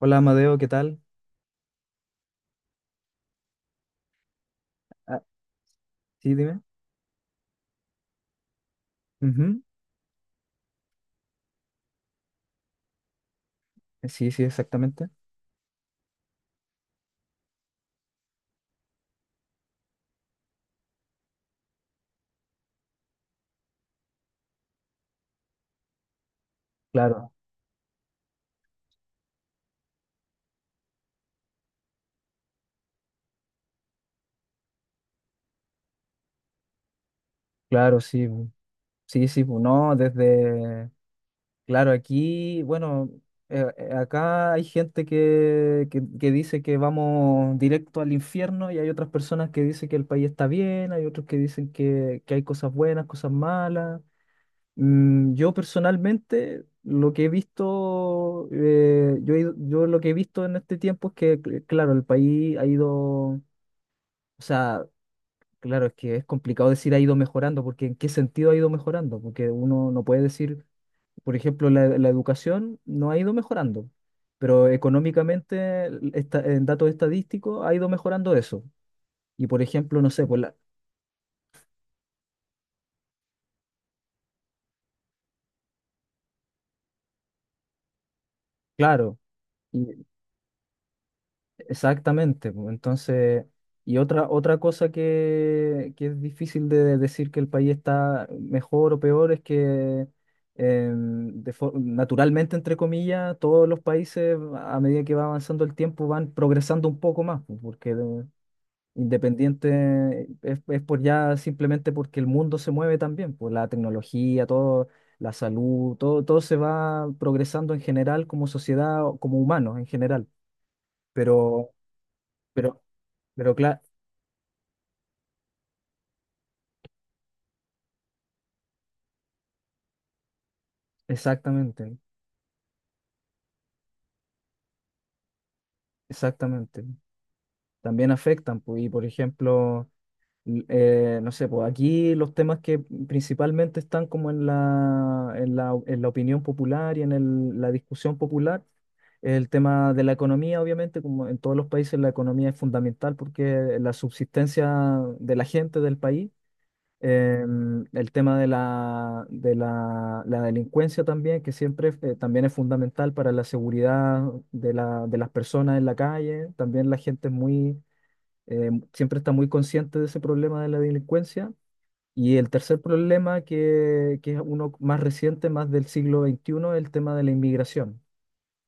Hola Amadeo, ¿qué tal? Ah, sí, dime. Ujú. Sí, sí, exactamente. Claro, claro, sí. bu. Sí, sí, no, claro, aquí, bueno, acá hay gente que dice que vamos directo al infierno, y hay otras personas que dicen que el país está bien, hay otros que dicen que hay cosas buenas, cosas malas. Yo personalmente, lo que he visto, yo, yo lo que he visto en este tiempo es que, claro, el país ha ido. O sea, claro, es que es complicado decir ha ido mejorando, porque ¿en qué sentido ha ido mejorando? Porque uno no puede decir, por ejemplo, la educación no ha ido mejorando, pero económicamente, en datos estadísticos, ha ido mejorando eso. Y por ejemplo, no sé, claro. Exactamente, pues, entonces, otra cosa que es difícil de decir que el país está mejor o peor es que, naturalmente, entre comillas, todos los países a medida que va avanzando el tiempo van progresando un poco más, pues, independiente es por ya, simplemente porque el mundo se mueve también, pues la tecnología, todo, la salud, todo, todo se va progresando en general, como sociedad o como humanos en general, pero... Pero pero claro, exactamente, exactamente. También afectan, pues, y por ejemplo, no sé, pues aquí los temas que principalmente están como en la opinión popular y en la discusión popular, el tema de la economía, obviamente, como en todos los países la economía es fundamental porque la subsistencia de la gente del país. El tema de la delincuencia también, que siempre, también es fundamental para la seguridad de las personas en la calle. También la gente es muy, siempre está muy consciente de ese problema de la delincuencia. Y el tercer problema, que es uno más reciente, más del siglo XXI, es el tema de la inmigración.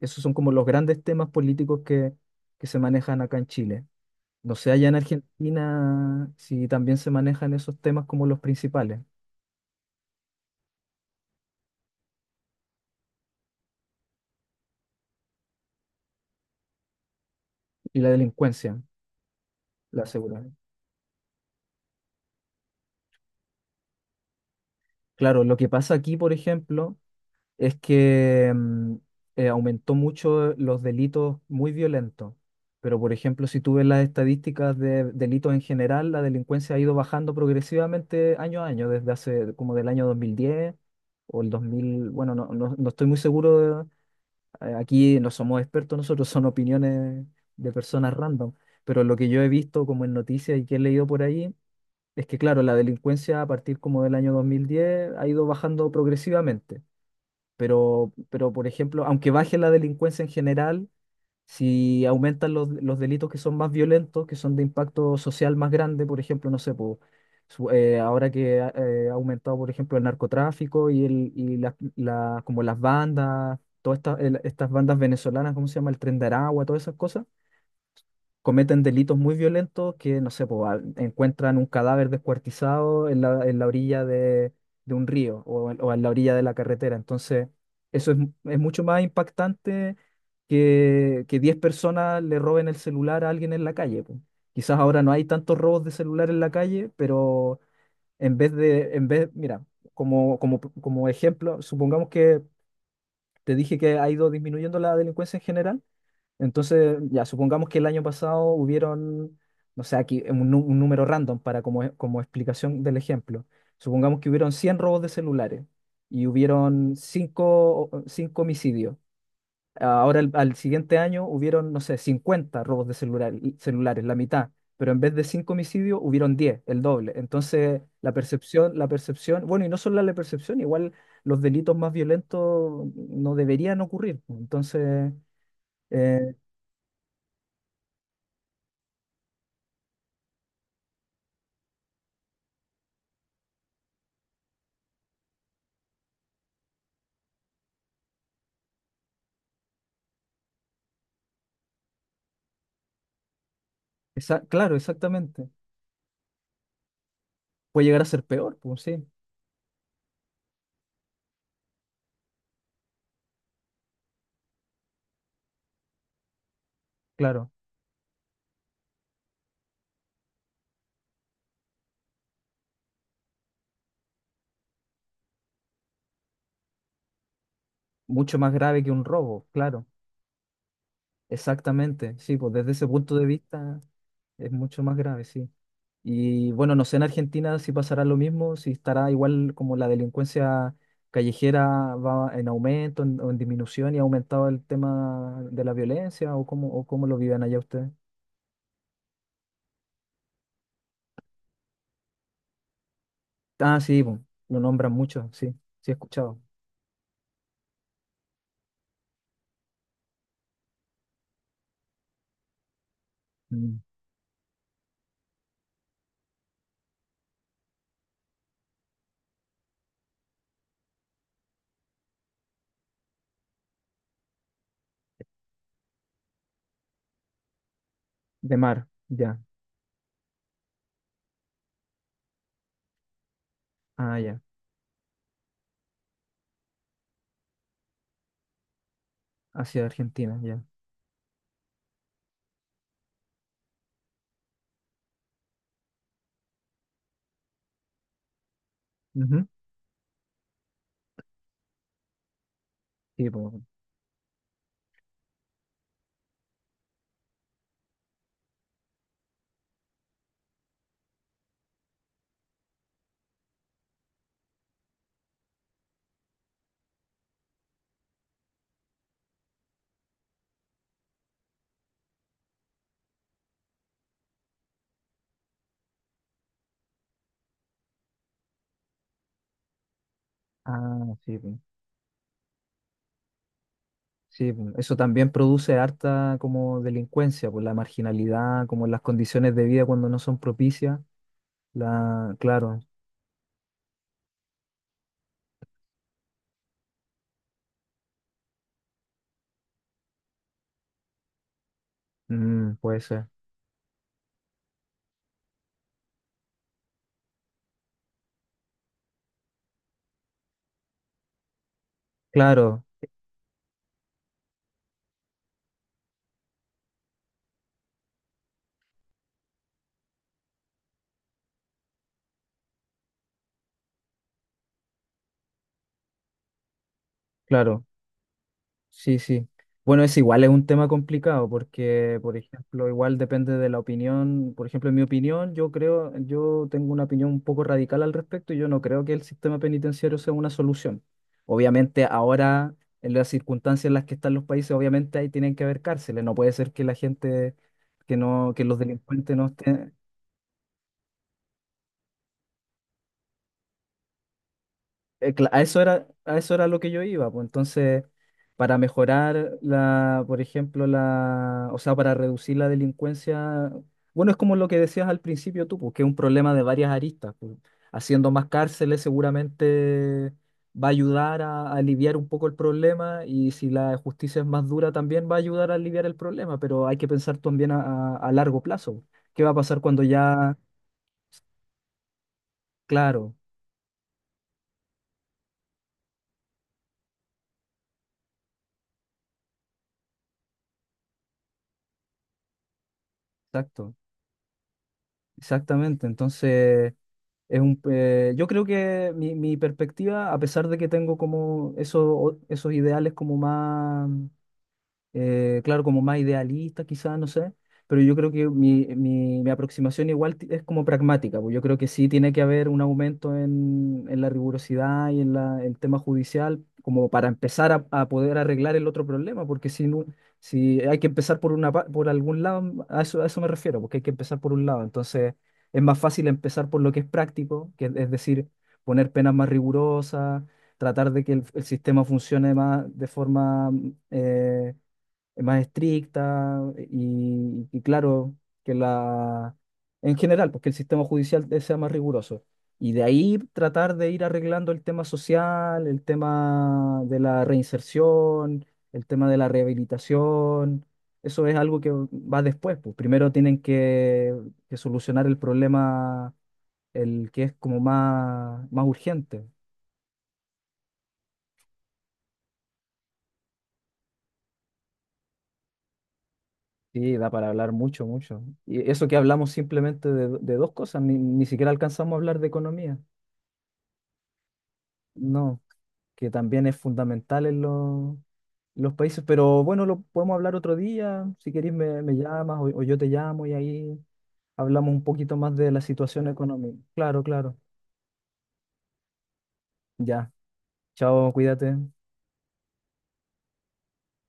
Esos son como los grandes temas políticos que se manejan acá en Chile. No sé, allá en Argentina, si también se manejan esos temas como los principales. Y la delincuencia, la seguridad. Claro, lo que pasa aquí, por ejemplo, es que, aumentó mucho los delitos muy violentos, pero por ejemplo, si tú ves las estadísticas de delitos en general, la delincuencia ha ido bajando progresivamente año a año, desde hace como del año 2010 o el 2000 bueno, no, no, no estoy muy seguro. Aquí no somos expertos nosotros, son opiniones de personas random, pero lo que yo he visto como en noticias y que he leído por ahí, es que claro, la delincuencia a partir como del año 2010 ha ido bajando progresivamente, pero por ejemplo, aunque baje la delincuencia en general, si aumentan los delitos que son más violentos, que son de impacto social más grande. Por ejemplo, no sé, po, ahora que ha, ha aumentado, por ejemplo, el narcotráfico y, el, y la- la- como las bandas, todas estas, estas bandas venezolanas, ¿cómo se llama? El Tren de Aragua, todas esas cosas cometen delitos muy violentos que, no sé, po, encuentran un cadáver descuartizado en la orilla de un río, o en la orilla de la carretera. Entonces, eso es, es mucho más impactante que 10 personas le roben el celular a alguien en la calle, po. Quizás ahora no hay tantos robos de celular en la calle, pero en vez de, mira, como ejemplo, supongamos que te dije que ha ido disminuyendo la delincuencia en general. Entonces, ya supongamos que el año pasado hubieron, no sé, aquí un número random para como, como explicación del ejemplo. Supongamos que hubieron 100 robos de celulares y hubieron 5 homicidios. Ahora, al siguiente año hubieron, no sé, 50 robos de celulares, la mitad. Pero en vez de 5 homicidios, hubieron 10, el doble. Entonces, la percepción, bueno, y no solo la percepción, igual los delitos más violentos no deberían ocurrir, pues. Entonces... eh, claro, exactamente. Puede llegar a ser peor, pues sí, claro. Mucho más grave que un robo, claro. Exactamente, sí, pues desde ese punto de vista es mucho más grave, sí. Y bueno, no sé en Argentina si pasará lo mismo, si estará igual, como la delincuencia callejera va en aumento o en disminución, y ha aumentado el tema de la violencia, o cómo lo viven allá ustedes. Ah, sí, pues, lo nombran mucho, sí, sí he escuchado. Mm. De mar, ya. Ah, ya. Hacia Argentina, ya. Ujú. Sí, po. Ah, sí, po. Sí, po. Eso también produce harta como delincuencia, por la marginalidad, como las condiciones de vida cuando no son propicias. Claro. Puede ser. Claro, claro. Sí, sí. Bueno, es igual, es un tema complicado porque, por ejemplo, igual depende de la opinión. Por ejemplo, en mi opinión, yo creo, yo tengo una opinión un poco radical al respecto, y yo no creo que el sistema penitenciario sea una solución. Obviamente, ahora, en las circunstancias en las que están los países, obviamente ahí tienen que haber cárceles. No puede ser que la gente, que los delincuentes no estén. A eso era lo que yo iba, pues entonces, para mejorar la, por ejemplo, la, o sea, para reducir la delincuencia, bueno, es como lo que decías al principio tú, pues que es un problema de varias aristas, pues, haciendo más cárceles seguramente va a ayudar a aliviar un poco el problema, y si la justicia es más dura también va a ayudar a aliviar el problema. Pero hay que pensar también a, a largo plazo, ¿qué va a pasar cuando ya, claro, exacto, exactamente, entonces... Es un, yo creo que mi perspectiva, a pesar de que tengo como esos, esos ideales como más, claro, como más idealista quizás, no sé, pero yo creo que mi aproximación igual es como pragmática, pues yo creo que sí tiene que haber un aumento en la rigurosidad y en el tema judicial, como para empezar a poder arreglar el otro problema, porque si, no, si hay que empezar por, una, por algún lado, a eso me refiero, porque hay que empezar por un lado. Entonces, es más fácil empezar por lo que es práctico, que es decir, poner penas más rigurosas, tratar de que el sistema funcione más de forma, eh, más estricta. Y claro, que la, en general, pues que el sistema judicial sea más riguroso. Y de ahí tratar de ir arreglando el tema social, el tema de la reinserción, el tema de la rehabilitación. Eso es algo que va después, pues primero tienen que solucionar el problema, el que es como más, más urgente. Sí, da para hablar mucho, mucho. Y eso que hablamos simplemente de dos cosas, ni, ni siquiera alcanzamos a hablar de economía. No, que también es fundamental en los países, pero bueno, lo podemos hablar otro día. Si querés me, me llamas o yo te llamo y ahí hablamos un poquito más de la situación económica. Claro, claro. Ya. Chao, cuídate.